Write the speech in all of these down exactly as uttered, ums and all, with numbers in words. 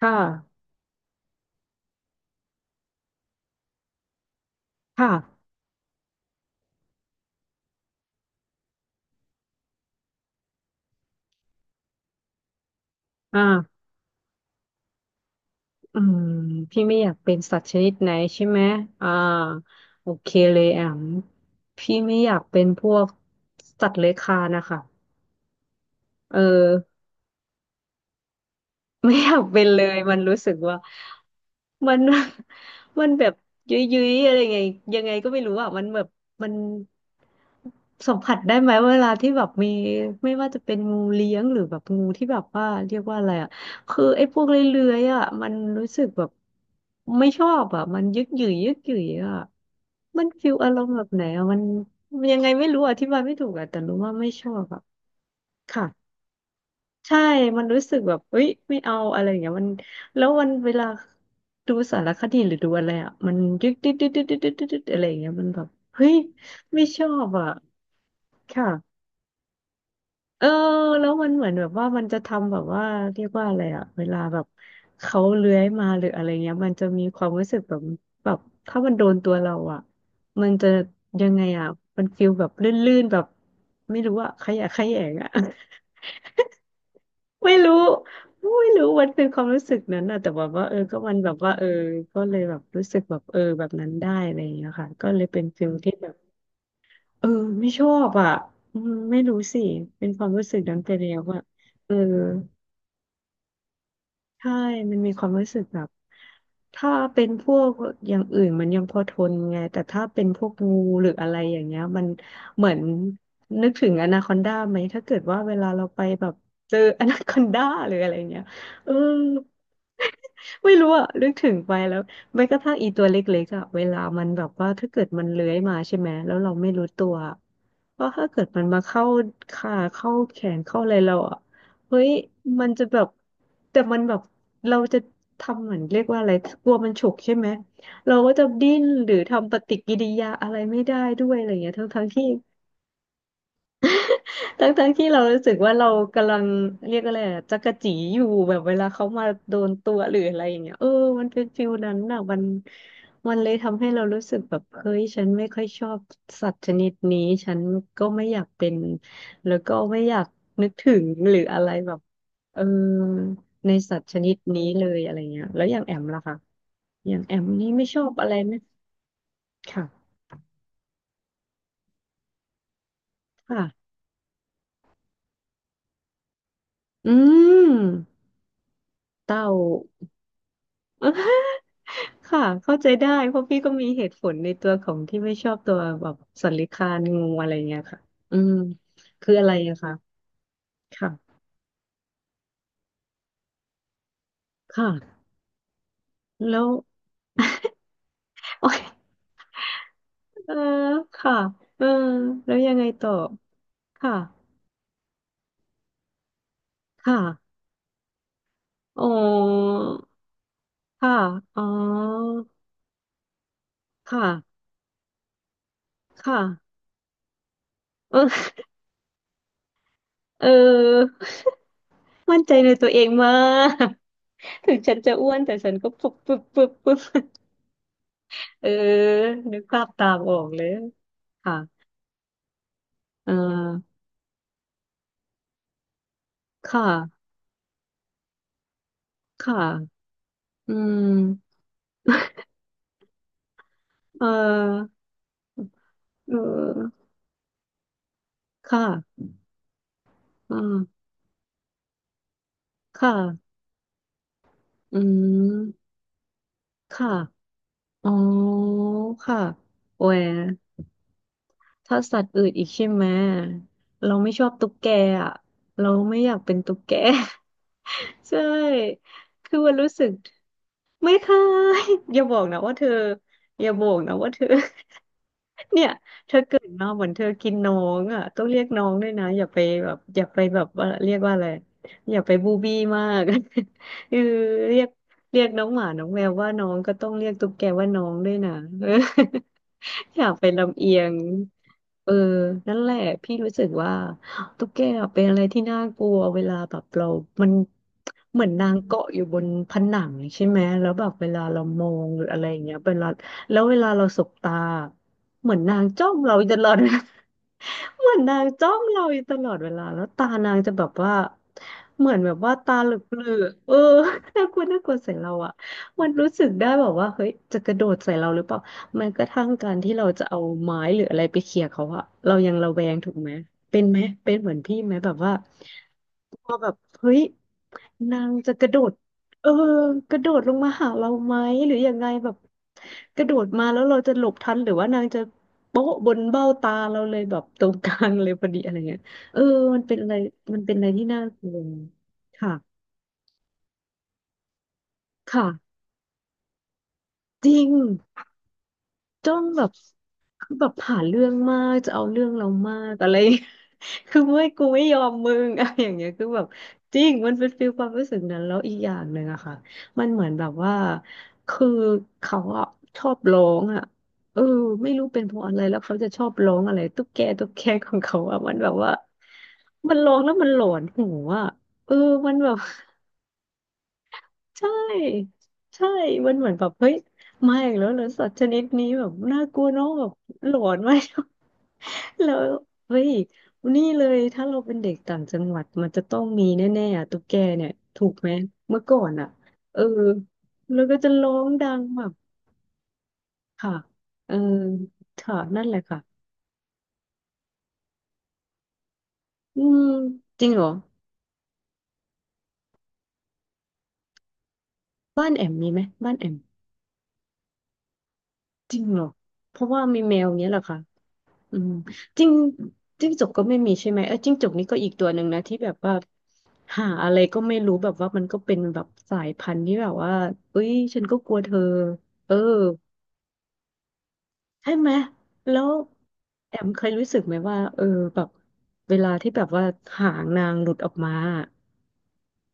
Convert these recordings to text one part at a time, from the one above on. ค่ะค่ะอ่าอืมพี่ไม่อยากเป็นสัตว์ชนิดไหนใช่ไหมอ่าโอเคเลยแอมพี่ไม่อยากเป็นพวกสัตว์เลื้อยคลานนะคะเออ ไม่อยากเป็นเลย มันรู้สึกว่า มัน มันแบบยุ้ยๆอะไรไงยังไงก็ไม่รู้อ่ะมันแบบมัน สัมผัสได้ไหมเวลาที่แบบมีไม่ว่าจะเป็นงูเลี้ยงหรือแบบงูที่แบบว่าเรียกว่าอะไรอ่ะคือไอ้พวกเลื้อยๆอ่ะมันรู้สึกแบบไม่ชอบอ่ะมันยึกหยือยึกหยืออ่ะมันฟิลอารมณ์แบบไหนอ่ะมันมันยังไงไม่รู้อธิบายไม่ถูกอ่ะแต่รู้ว่าไม่ชอบอ่ะค่ะใช่มันรู้สึกแบบเอ้ยไม่เอาอะไรอย่างเงี้ยมันแล้ววันเวลาดูสารคดีหรือดูอะไรอ่ะมันยึกดดึ๊ดดึ๊ดดึ๊ดดึ๊ดดึ๊ดดึ๊ดอะไรอย่างเงี้ยมันแบบเฮ้ยไม่ชอบอ่ะค่ะ เออแล้วมันเหมือนแบบว่ามันจะทำแบบว่าเรียกว่าอะไรอะเวลาแบบเขาเลื้อยมาหรืออะไรเงี้ยมันจะมีความรู้สึกแบบแบบถ้ามันโดนตัวเราอะมันจะยังไงอะมันฟีลแบบลื่นๆแบบไม่รู้อะขยะแขยงอะ ไม่รู้ไม่รู้มันเป็นความรู้สึกนั้นอะแต่แบบว่าเออก็มันแบบว่าเออก็เลยแบบรู้สึกแบบเออแบบนั้นได้อะไรอย่างเงี้ยค่ะก็เลยเป็นฟีลที่แบบ เออไม่ชอบอ่ะอืมไม่รู้สิเป็นความรู้สึกนั้นไปแล้วอ่ะเออ ใช่มันมีความรู้สึกแบบถ้าเป็นพวกอย่างอื่นมันยังพอทนไงแต่ถ้าเป็นพวกงูหรืออะไรอย่างเงี้ยมันเหมือนนึกถึงอนาคอนดาไหมถ้าเกิดว่าเวลาเราไปแบบเจอ อนาคอนดาหรืออะไรเงี้ยเออ ไม่รู้อะนึกถึงไปแล้วแม้กระทั่งอีตัวเล็กๆอะเวลามันแบบว่าถ้าเกิดมันเลื้อยมาใช่ไหมแล้วเราไม่รู้ตัวก็ถ้าเกิดมันมาเข้าขาเข้าแขนเข้าอะไรเราอะ เฮ้ย มันจะแบบ แต่มันแบบ เราจะทำเหมือนเรียกว่าอะไร กลัวมันฉกใช่ไหม เราก็จะดิ้นหรือทำปฏิกิริยาอะไรไม่ได้ด้วยอะไรอย่างเงี้ยทั้งทั้งที่ ทั้งทั้งที่เรารู้สึกว่าเรากำลังเรียกอะไรอะจักจีอยู่แบบเวลาเขามาโดนตัวหรืออะไรอย่างเงี้ยเออมันเป็นฟิลนั้นน่ะมันมันเลยทำให้เรารู้สึกแบบเฮ้ยฉันไม่ค่อยชอบสัตว์ชนิดนี้ฉันก็ไม่อยากเป็นแล้วก็ไม่อยากนึกถึงหรืออะไรแบบเออในสัตว์ชนิดนี้เลยอะไรเงี้ยแล้วอย่างแอมล่ะคะอย่างแอมนี่ไม่ชอบอะไรไหมค่ะค่ะอืมเต่า ค่ะเข้าใจได้เพราะพี่ก็มีเหตุผลในตัวของที่ไม่ชอบตัวแบบสันนิคานงูอะไรเงี้ยค่ะอืมคืออะไรอะคะค่ะค่ะแล้วโอยเออค่ะเออแล้วยังไงต่อค่ะค่ะอ๋อค่ะอ๋อค่ะค่ะเออเออมั่นใจในตัวเองมากถึงฉันจะอ้วนแต่ฉันก็ปุ๊บปุ๊บปุ๊บปุ๊บเออนึกภาพตามออกเลยค่ะ เออค่ะค่ะอืมเออเออค่ะอ่าค่ะอืมค่ะอ๋อค่ะโอ้ยถ้าสัตว์อื่นอีกใช่ไหมเราไม่ชอบตุ๊กแกอ่ะเราไม่อยากเป็นตุ๊กแก ใช่คือมันรู้สึกไม่เคยอย่าบอกนะว่าเธออย่าบอกนะว่าเธอ เนี่ยเธอเกิดมาเหมือนเธอกินน้องอ่ะต้องเรียกน้องด้วยนะอย่าไปแบบอย่าไปแบบว่าเรียกว่าอะไรอย่าไปบูบี้มาก คือเรียกเรียกน้องหมาน้องแมวว่าน้องก็ต้องเรียกตุ๊กแกว่าน้องด้วยนะ เออ อยากไปนลำเอียงเออนั่นแหละพี่รู้สึกว่าตุ๊กแกอะเป็นอะไรที่น่ากลัวเวลาแบบเรามันเหมือนนางเกาะอยู่บนผนังใช่ไหมแล้วแบบเวลาเรามองหรืออะไรอย่างเงี้ยเวลาแล้วเวลาเราสบตาเหมือนนางจ้องเราอยู่ตลอดเวลา เหมือนนางจ้องเราอยู่ตลอดเวลาแล้วตานางจะแบบว่าเหมือนแบบว่าตาเหลือกๆเออ น่ากลัวน่ากลัวใส่เราอะมันรู้สึกได้แบบว่าเฮ้ยจะกระโดดใส่เราหรือเปล่า แม้กระทั่งการที่เราจะเอาไม้หรืออะไรไปเขี่ยเขาอะเรายังระแวงถูกไหมเป็นไหมเป็นเหมือนพี่ไหมแบบว่าพอแบบเฮ้ยนางจะกระโดดเออกระโดดลงมาหาเราไหมหรือยังไงแบบกระโดดมาแล้วเราจะหลบทันหรือว่านางจะโป๊ะบนเบ้าตาเราเลยแบบตรงกลางเลยพอดีอะไรเงี้ยเออมันเป็นอะไรมันเป็นอะไรที่น่ากลัวค่ะค่ะจริง จ้องแบบคือแบบหาเรื่องมากจะเอาเรื่องเรามากอะไร คือไม่กูไม่ยอมมึง อะไรอย่างเงี้ยคือแบบจริงมันเป็นฟีลความรู้สึกนั้นแล้วอีกอย่างหนึ่งอะค่ะมันเหมือนแบบว่าคือเขาอะชอบร้องอะเออไม่รู้เป็นเพราะอะไรแล้วเขาจะชอบร้องอะไรตุ๊กแกตุ๊กแกของเขาอะมันแบบว่ามันร้องแล้วมันหลอนหูอะเออมันแบบ ใช่ใช่มันเหมือนแบบเฮ้ยมาอีกแล้วเหรอสัตว์ชนิดนี้แบบน่ากลัวเนอะแบบหลอนไหม แล้วเฮ้ยนี่เลยถ้าเราเป็นเด็กต่างจังหวัดมันจะต้องมีแน่ๆอะตุ๊กแกเนี่ยถูกไหมเมื่อก่อนอ่ะเออแล้วก็จะร้องดังแบบค่ะเออค่ะนั่นแหละค่ะอืมจริงเหรอบ้านแอมมีไหมบ้านแอมจริงเหรอเพราะว่ามีแมวเนี้ยเหรอคะ อืมจิ้งจิ้งจกก็ไม่มีใช่ไหมเออจิ้งจกนี่ก็อีกตัวหนึ่งนะที่แบบว่าหาอะไรก็ไม่รู้แบบว่ามันก็เป็นแบบสายพันธุ์ที่แบบว่าเอ้ยฉันก็กลัวเธอเออใช่ไหมแล้วแอมเคยรู้สึกไหมว่าเออแบบเวลาที่แบบว่าหางนางหลุดออกมา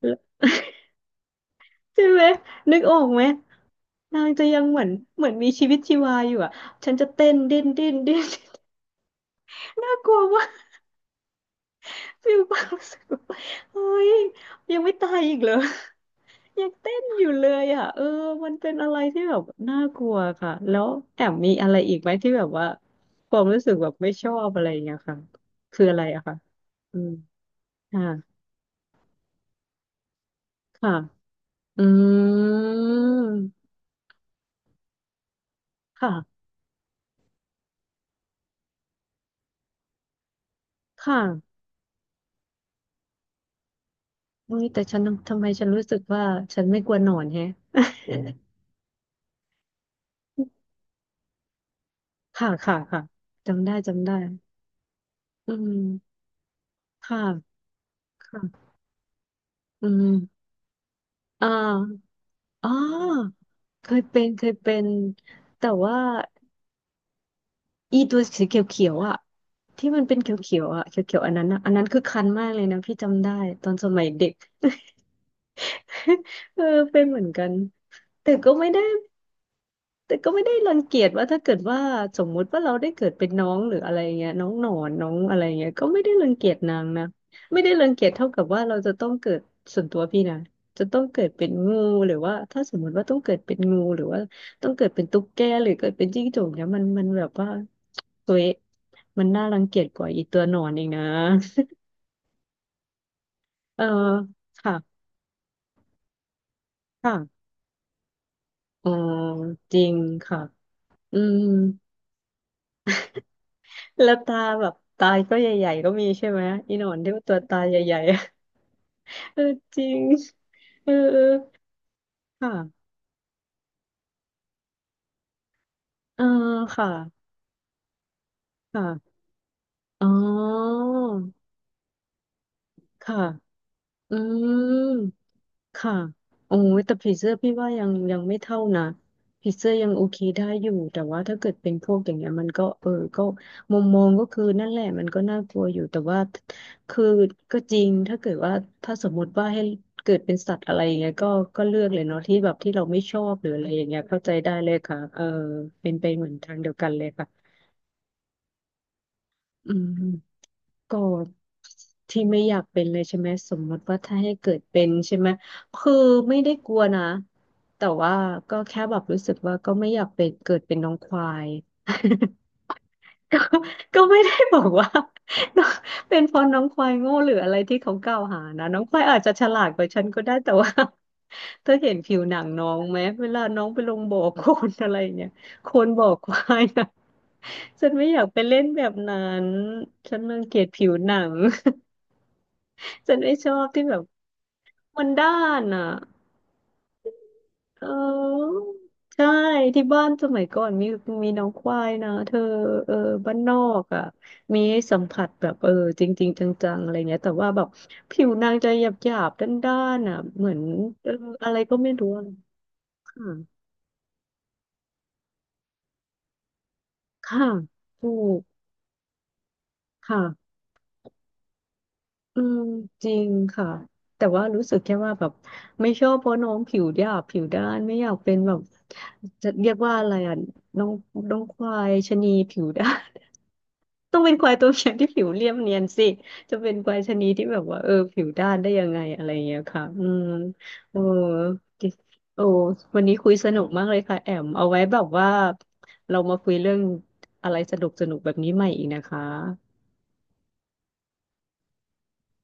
แล้วใช่ไหมนึกออกไหมนางจะยังเหมือนเหมือนมีชีวิตชีวาอยู่อ่ะฉันจะเต้นดิ้นดิ้นดิ้น น่ากลัว ฟิลความรู้สึกแบบเฮ้ยยังไม่ตายอีกเหรอยังเต้นอยู่เลยอ่ะเออมันเป็นอะไรที่แบบน่ากลัวค่ะแล้วแอมมีอะไรอีกไหมที่แบบว่าความรู้สึกแบบไม่ชอบอะไรอย่างเงี้ยค่ะคืออะไรอะค่ะอืมค่ะค่ะอืมค่ะค่ะอุ้ยแต่ฉันทำไมฉันรู้สึกว่าฉันไม่กลัวหนอนแฮะค่ะค่ะค่ะจำได้จำได้อืมค่ะค่ะอืมอ่า อ๋อเคยเป็นเคยเป็นแต่ว่าอีตัวสีเขียวๆอ่ะที่มันเป็นเขียวๆอ่ะเขียวๆอันนั้นอ่ะอันนั้นคือคันมากเลยนะพี่จำได้ตอนสมัยเด็ก เออเป็นเหมือนกันแต่ก็ไม่ได้ แต่ก็ไม่ได้รังเกียจว่าถ้าเกิดว่าสมมุติว่าเราได้เกิดเป็นน้องหรืออะไรเงี้ยน้องหนอนน้องอะไรเงี้ยก็ไม่ได้รังเกียจนางนะไม่ได้รังเกียจเท่ากับว่าเราจะต้องเกิดส่วนตัวพี่นะจะต้องเกิดเป็นงูหรือว่าถ้าสมมุติว่าต้องเกิดเป็นงูหรือว่าต้องเกิดเป็นตุ๊กแกหรือเกิดเป็นจิ้งจกเนี่ยมันมันแบบว่าตัวเอะมันน่ารังเกียจกว่าอีตัวหนอนเองนะเออค่ะค่ะอ๋อจริงค่ะอืม แล้วตาแบบตาก็ใหญ่ๆก็มีใช่ไหมอีหนอนที่ว่าตัวตาใหญ่ๆอะ เออจริงเออเออค่ะเออค่ะค่ะอ๋อค่ะอืม ค่ะโอ้ยแต่พรีเซอร์พี่ว่ายังยังไม่เท่านะพรีเซอร์ยังโอเคได้อยู่แต่ว่าถ้าเกิดเป็นพวกอย่างเงี้ยมันก็เออก็มองมองก็คือนั่นแหละมันก็น่ากลัวอยู่แต่ว่าคือก็จริงถ้าเกิดว่าถ้าสมมติว่าให้เกิดเป็นสัตว์อะไรอย่างเงี้ยก็ก็เลือกเลยเนาะที่แบบที่เราไม่ชอบหรืออะไรอย่างเงี้ยเข้าใจได้เลยค่ะเออเป็นไปเหมือนทางเดียวกันเลยค่ะอืม ก็ที่ไม่อยากเป็นเลยใช่ไหมสมมติว่าถ้าให้เกิดเป็นใช่ไหมคือไม่ได้กลัวนะแต่ว่าก็แค่แบบรู้สึกว่าก็ไม่อยากเป็นเกิดเป็นน้องควาย ก็ก็ไม่ได้บอกว่า น้องเป็นเพราะน้องควายโง่หรืออะไรที่เขากล่าวหานะน้องควายอาจจะฉลาดกว่าฉันก็ได้แต่ว่า เธอเห็นผิวหนังน้องไหมเวลาน้องไปลงบ่อโคลนอะไรอย่างเงี้ยโคลนบ่อควายนะ ฉันไม่อยากไปเล่นแบบนั้นฉันรังเกียจผิวหนัง ฉันไม่ชอบที่แบบมันด้านอ่ะ เออใช่ที่บ้านสมัยก่อนมีมีน้องควายนะเธอเออบ้านนอกอ่ะมีให้สัมผัสแบบเออจริงๆจังๆอะไรเงี้ยแต่ว่าแบบผิวนางจะหยาบๆด้านๆอ่ะเหมือนเอออะไรก็ไม่รู้อะค่ะค่ะถูกค่ะ อืมจริงค่ะแต่ว่ารู้สึกแค่ว่าแบบไม่ชอบเพราะน้องผิวหยาบผิวด้านไม่อยากเป็นแบบจะเรียกว่าอะไรอ่ะน้องน้องควายชะนีผิวด้าน ต้องเป็นควายตัวเมียที่ผิวเรียบเนียนสิจะเป็นควายชะนีที่แบบว่าเออผิวด้านได้ยังไงอะไรอย่างเงี้ยค่ะอืมโอ้โอ้วันนี้คุยสนุกมากเลยค่ะแอมเอาไว้แบบว่าเรามาคุยเรื่องอะไรสนุกสนุกแบบนี้ใหม่อีกนะคะ